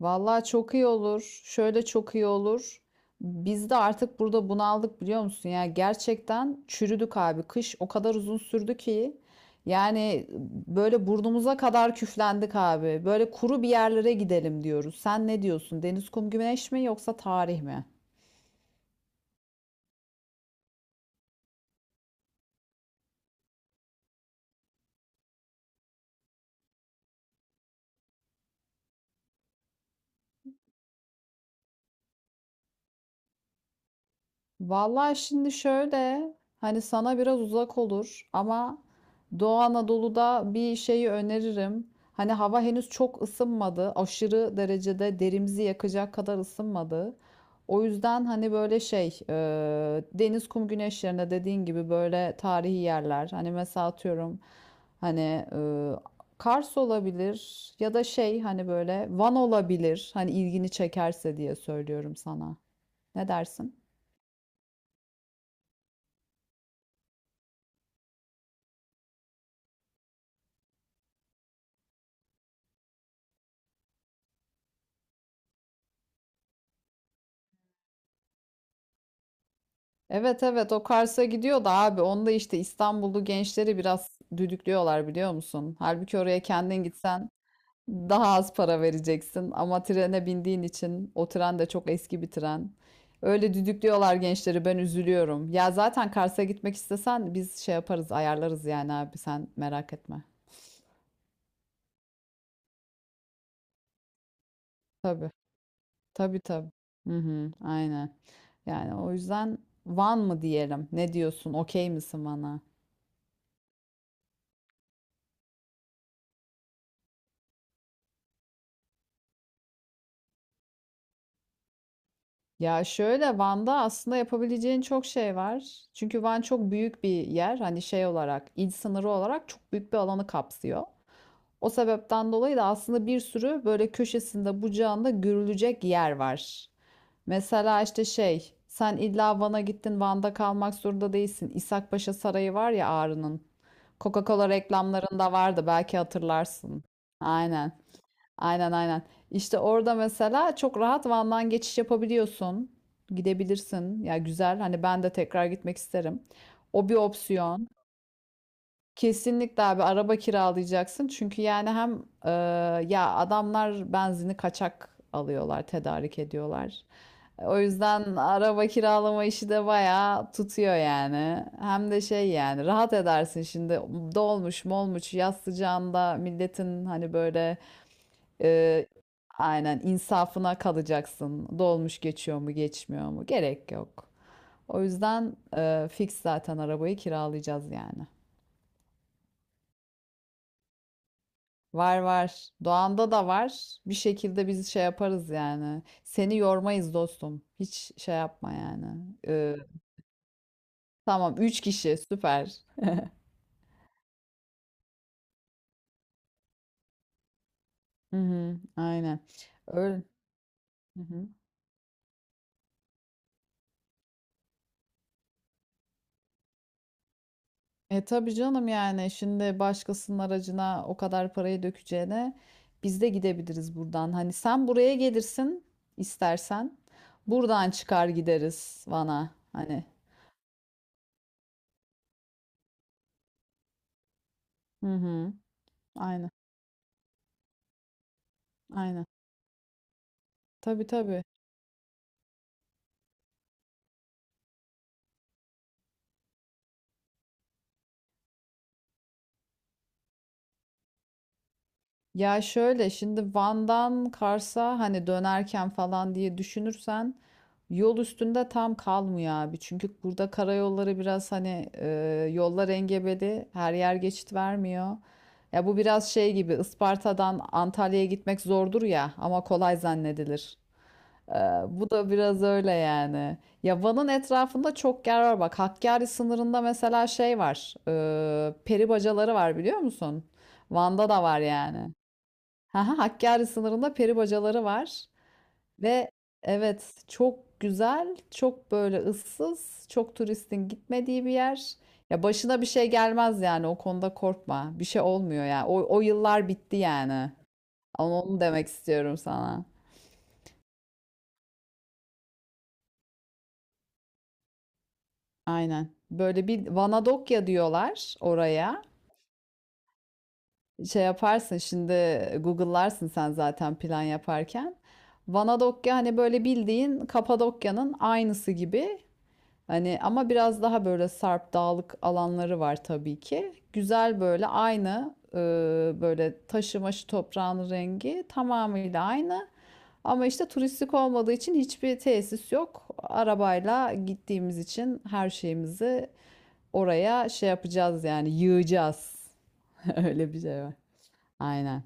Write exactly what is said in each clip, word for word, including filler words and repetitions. Vallahi çok iyi olur. Şöyle çok iyi olur. Biz de artık burada bunaldık biliyor musun? Ya gerçekten çürüdük abi. Kış o kadar uzun sürdü ki yani böyle burnumuza kadar küflendik abi. Böyle kuru bir yerlere gidelim diyoruz. Sen ne diyorsun? Deniz, kum, güneş mi yoksa tarih mi? Vallahi şimdi şöyle hani sana biraz uzak olur ama Doğu Anadolu'da bir şeyi öneririm. Hani hava henüz çok ısınmadı. Aşırı derecede derimizi yakacak kadar ısınmadı. O yüzden hani böyle şey e, deniz kum güneş yerine dediğin gibi böyle tarihi yerler. Hani mesela atıyorum hani e, Kars olabilir ya da şey hani böyle Van olabilir. Hani ilgini çekerse diye söylüyorum sana. Ne dersin? Evet evet o Kars'a gidiyor da abi onda işte İstanbullu gençleri biraz düdüklüyorlar biliyor musun? Halbuki oraya kendin gitsen daha az para vereceksin ama trene bindiğin için o tren de çok eski bir tren. Öyle düdüklüyorlar gençleri ben üzülüyorum. Ya zaten Kars'a gitmek istesen biz şey yaparız ayarlarız yani abi sen merak etme. Tabii tabii tabii. Hı hı, aynen. Yani o yüzden Van mı diyelim? Ne diyorsun? Okey misin bana? Ya şöyle Van'da aslında yapabileceğin çok şey var. Çünkü Van çok büyük bir yer. Hani şey olarak, il sınırı olarak çok büyük bir alanı kapsıyor. O sebepten dolayı da aslında bir sürü böyle köşesinde, bucağında görülecek yer var. Mesela işte şey, sen illa Van'a gittin, Van'da kalmak zorunda değilsin. İshakpaşa Sarayı var ya Ağrı'nın. Coca-Cola reklamlarında vardı belki hatırlarsın. Aynen. Aynen aynen. İşte orada mesela çok rahat Van'dan geçiş yapabiliyorsun. Gidebilirsin. Ya güzel. Hani ben de tekrar gitmek isterim. O bir opsiyon. Kesinlikle abi araba kiralayacaksın. Çünkü yani hem e, ya adamlar benzini kaçak alıyorlar, tedarik ediyorlar. O yüzden araba kiralama işi de bayağı tutuyor yani. Hem de şey yani rahat edersin şimdi dolmuş molmuş yaz sıcağında milletin hani böyle ee, aynen insafına kalacaksın. Dolmuş geçiyor mu geçmiyor mu? Gerek yok. O yüzden e, fix zaten arabayı kiralayacağız yani. Var var. Doğan'da da var. Bir şekilde biz şey yaparız yani. Seni yormayız dostum. Hiç şey yapma yani. Ee, tamam üç kişi süper. Hı hı, aynen. Öyle. Hı hı. E tabii canım yani şimdi başkasının aracına o kadar parayı dökeceğine biz de gidebiliriz buradan. Hani sen buraya gelirsin istersen. Buradan çıkar gideriz Van'a. Hani. Hı hı. Aynen. Aynen. Tabii tabii. Ya şöyle şimdi Van'dan Kars'a hani dönerken falan diye düşünürsen yol üstünde tam kalmıyor abi. Çünkü burada karayolları biraz hani e, yollar engebeli her yer geçit vermiyor. Ya bu biraz şey gibi Isparta'dan Antalya'ya gitmek zordur ya ama kolay zannedilir. E, bu da biraz öyle yani. Ya Van'ın etrafında çok yer var bak Hakkari sınırında mesela şey var e, peri bacaları var biliyor musun? Van'da da var yani. Haha, Hakkari sınırında peri bacaları var ve evet çok güzel, çok böyle ıssız, çok turistin gitmediği bir yer. Ya başına bir şey gelmez yani o konuda korkma. Bir şey olmuyor ya. O, o yıllar bitti yani. Ama onu demek istiyorum sana. Aynen. Böyle bir Vanadokya diyorlar oraya. Şey yaparsın şimdi Google'larsın sen zaten plan yaparken. Vanadokya hani böyle bildiğin Kapadokya'nın aynısı gibi. Hani ama biraz daha böyle sarp dağlık alanları var tabii ki. Güzel böyle aynı e, böyle taşı maşı toprağın rengi tamamıyla aynı. Ama işte turistik olmadığı için hiçbir tesis yok. Arabayla gittiğimiz için her şeyimizi oraya şey yapacağız yani yığacağız. Öyle bir şey var. Aynen.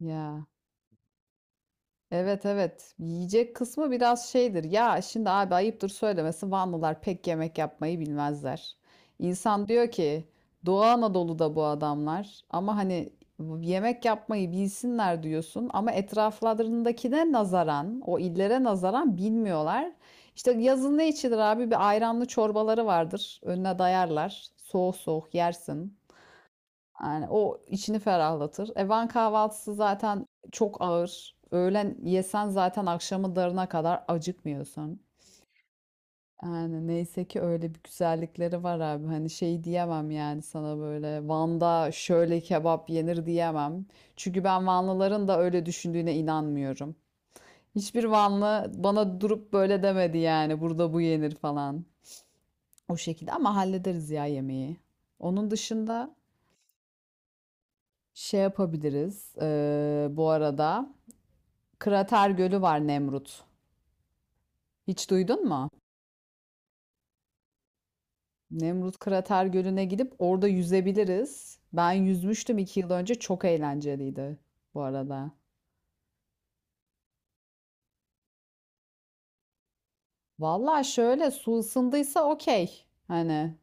Ya. Evet evet. Yiyecek kısmı biraz şeydir. Ya şimdi abi ayıptır söylemesi Vanlılar pek yemek yapmayı bilmezler. İnsan diyor ki Doğu Anadolu'da bu adamlar ama hani yemek yapmayı bilsinler diyorsun ama etraflarındakine nazaran o illere nazaran bilmiyorlar. İşte yazın ne içilir abi? Bir ayranlı çorbaları vardır. Önüne dayarlar. Soğuk soğuk yersin. Yani o içini ferahlatır. E, Van kahvaltısı zaten çok ağır. Öğlen yesen zaten akşamı darına kadar acıkmıyorsun. Yani neyse ki öyle bir güzellikleri var abi. Hani şey diyemem yani sana böyle Van'da şöyle kebap yenir diyemem. Çünkü ben Vanlıların da öyle düşündüğüne inanmıyorum. Hiçbir Vanlı bana durup böyle demedi yani burada bu yenir falan. O şekilde ama hallederiz ya yemeği. Onun dışında şey yapabiliriz eee, bu arada. Krater Gölü var Nemrut. Hiç duydun mu? Nemrut Krater Gölü'ne gidip orada yüzebiliriz. Ben yüzmüştüm iki yıl önce. Çok eğlenceliydi bu arada. Valla şöyle su ısındıysa okey. Hani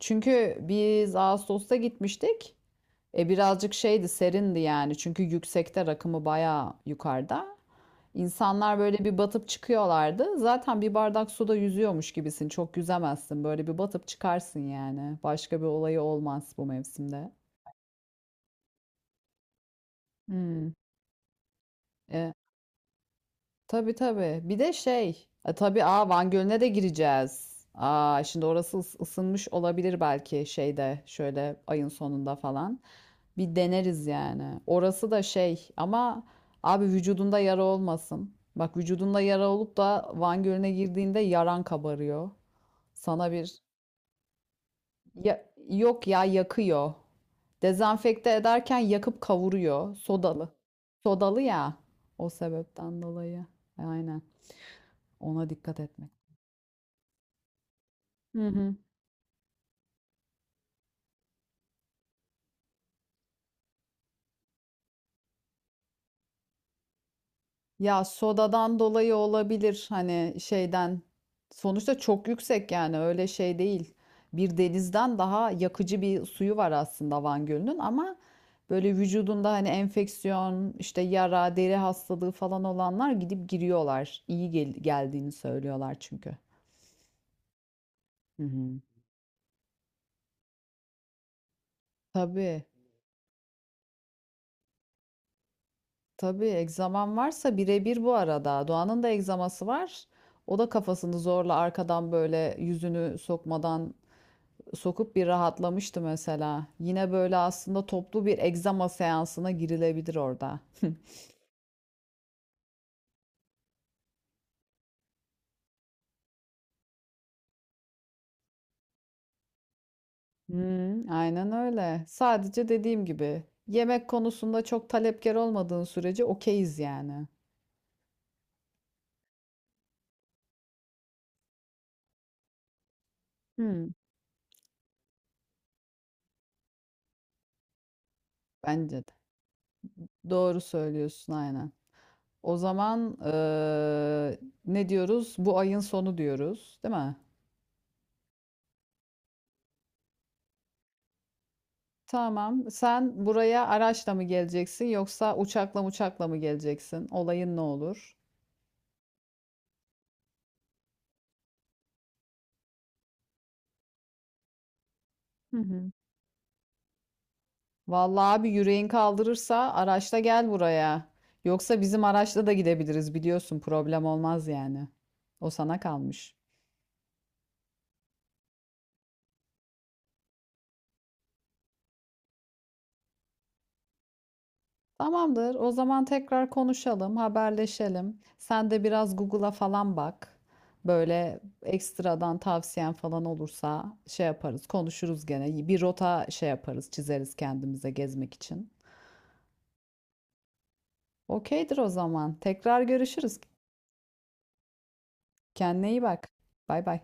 çünkü biz Ağustos'ta gitmiştik. E birazcık şeydi serindi yani. Çünkü yüksekte rakımı bayağı yukarıda. İnsanlar böyle bir batıp çıkıyorlardı. Zaten bir bardak suda yüzüyormuş gibisin. Çok yüzemezsin. Böyle bir batıp çıkarsın yani. Başka bir olayı olmaz bu mevsimde. Hmm. E, tabii tabii. Bir de şey. E, tabii aa Van Gölü'ne de gireceğiz. Aa şimdi orası ıs- ısınmış olabilir belki şeyde şöyle ayın sonunda falan. Bir deneriz yani. Orası da şey ama abi vücudunda yara olmasın. Bak vücudunda yara olup da Van Gölü'ne girdiğinde yaran kabarıyor. Sana bir ya, yok ya yakıyor. Dezenfekte ederken yakıp kavuruyor. Sodalı. Sodalı ya. O sebepten dolayı. Aynen. Ona dikkat etmek. Hı hı. Ya sodadan dolayı olabilir hani şeyden. Sonuçta çok yüksek yani öyle şey değil. Bir denizden daha yakıcı bir suyu var aslında Van Gölü'nün ama böyle vücudunda hani enfeksiyon, işte yara, deri hastalığı falan olanlar gidip giriyorlar. İyi gel- geldiğini söylüyorlar çünkü. Hı hı. Tabii, tabii egzaman varsa birebir bu arada. Doğan'ın da egzaması var. O da kafasını zorla arkadan böyle yüzünü sokmadan sokup bir rahatlamıştı mesela. Yine böyle aslında toplu bir egzama seansına girilebilir orada. Hmm, aynen öyle. Sadece dediğim gibi yemek konusunda çok talepkar olmadığın sürece okeyiz yani. Hmm, bence de. Doğru söylüyorsun aynen. O zaman eee, ne diyoruz? Bu ayın sonu diyoruz, değil mi? Tamam. Sen buraya araçla mı geleceksin yoksa uçakla uçakla mı geleceksin? Olayın ne olur? Hı hı. Vallahi abi yüreğin kaldırırsa araçla gel buraya. Yoksa bizim araçla da gidebiliriz biliyorsun problem olmaz yani. O sana kalmış. Tamamdır. O zaman tekrar konuşalım, haberleşelim. Sen de biraz Google'a falan bak. Böyle ekstradan tavsiyen falan olursa şey yaparız, konuşuruz gene. Bir rota şey yaparız, çizeriz kendimize gezmek için. Okeydir o zaman. Tekrar görüşürüz. Kendine iyi bak. Bay bay.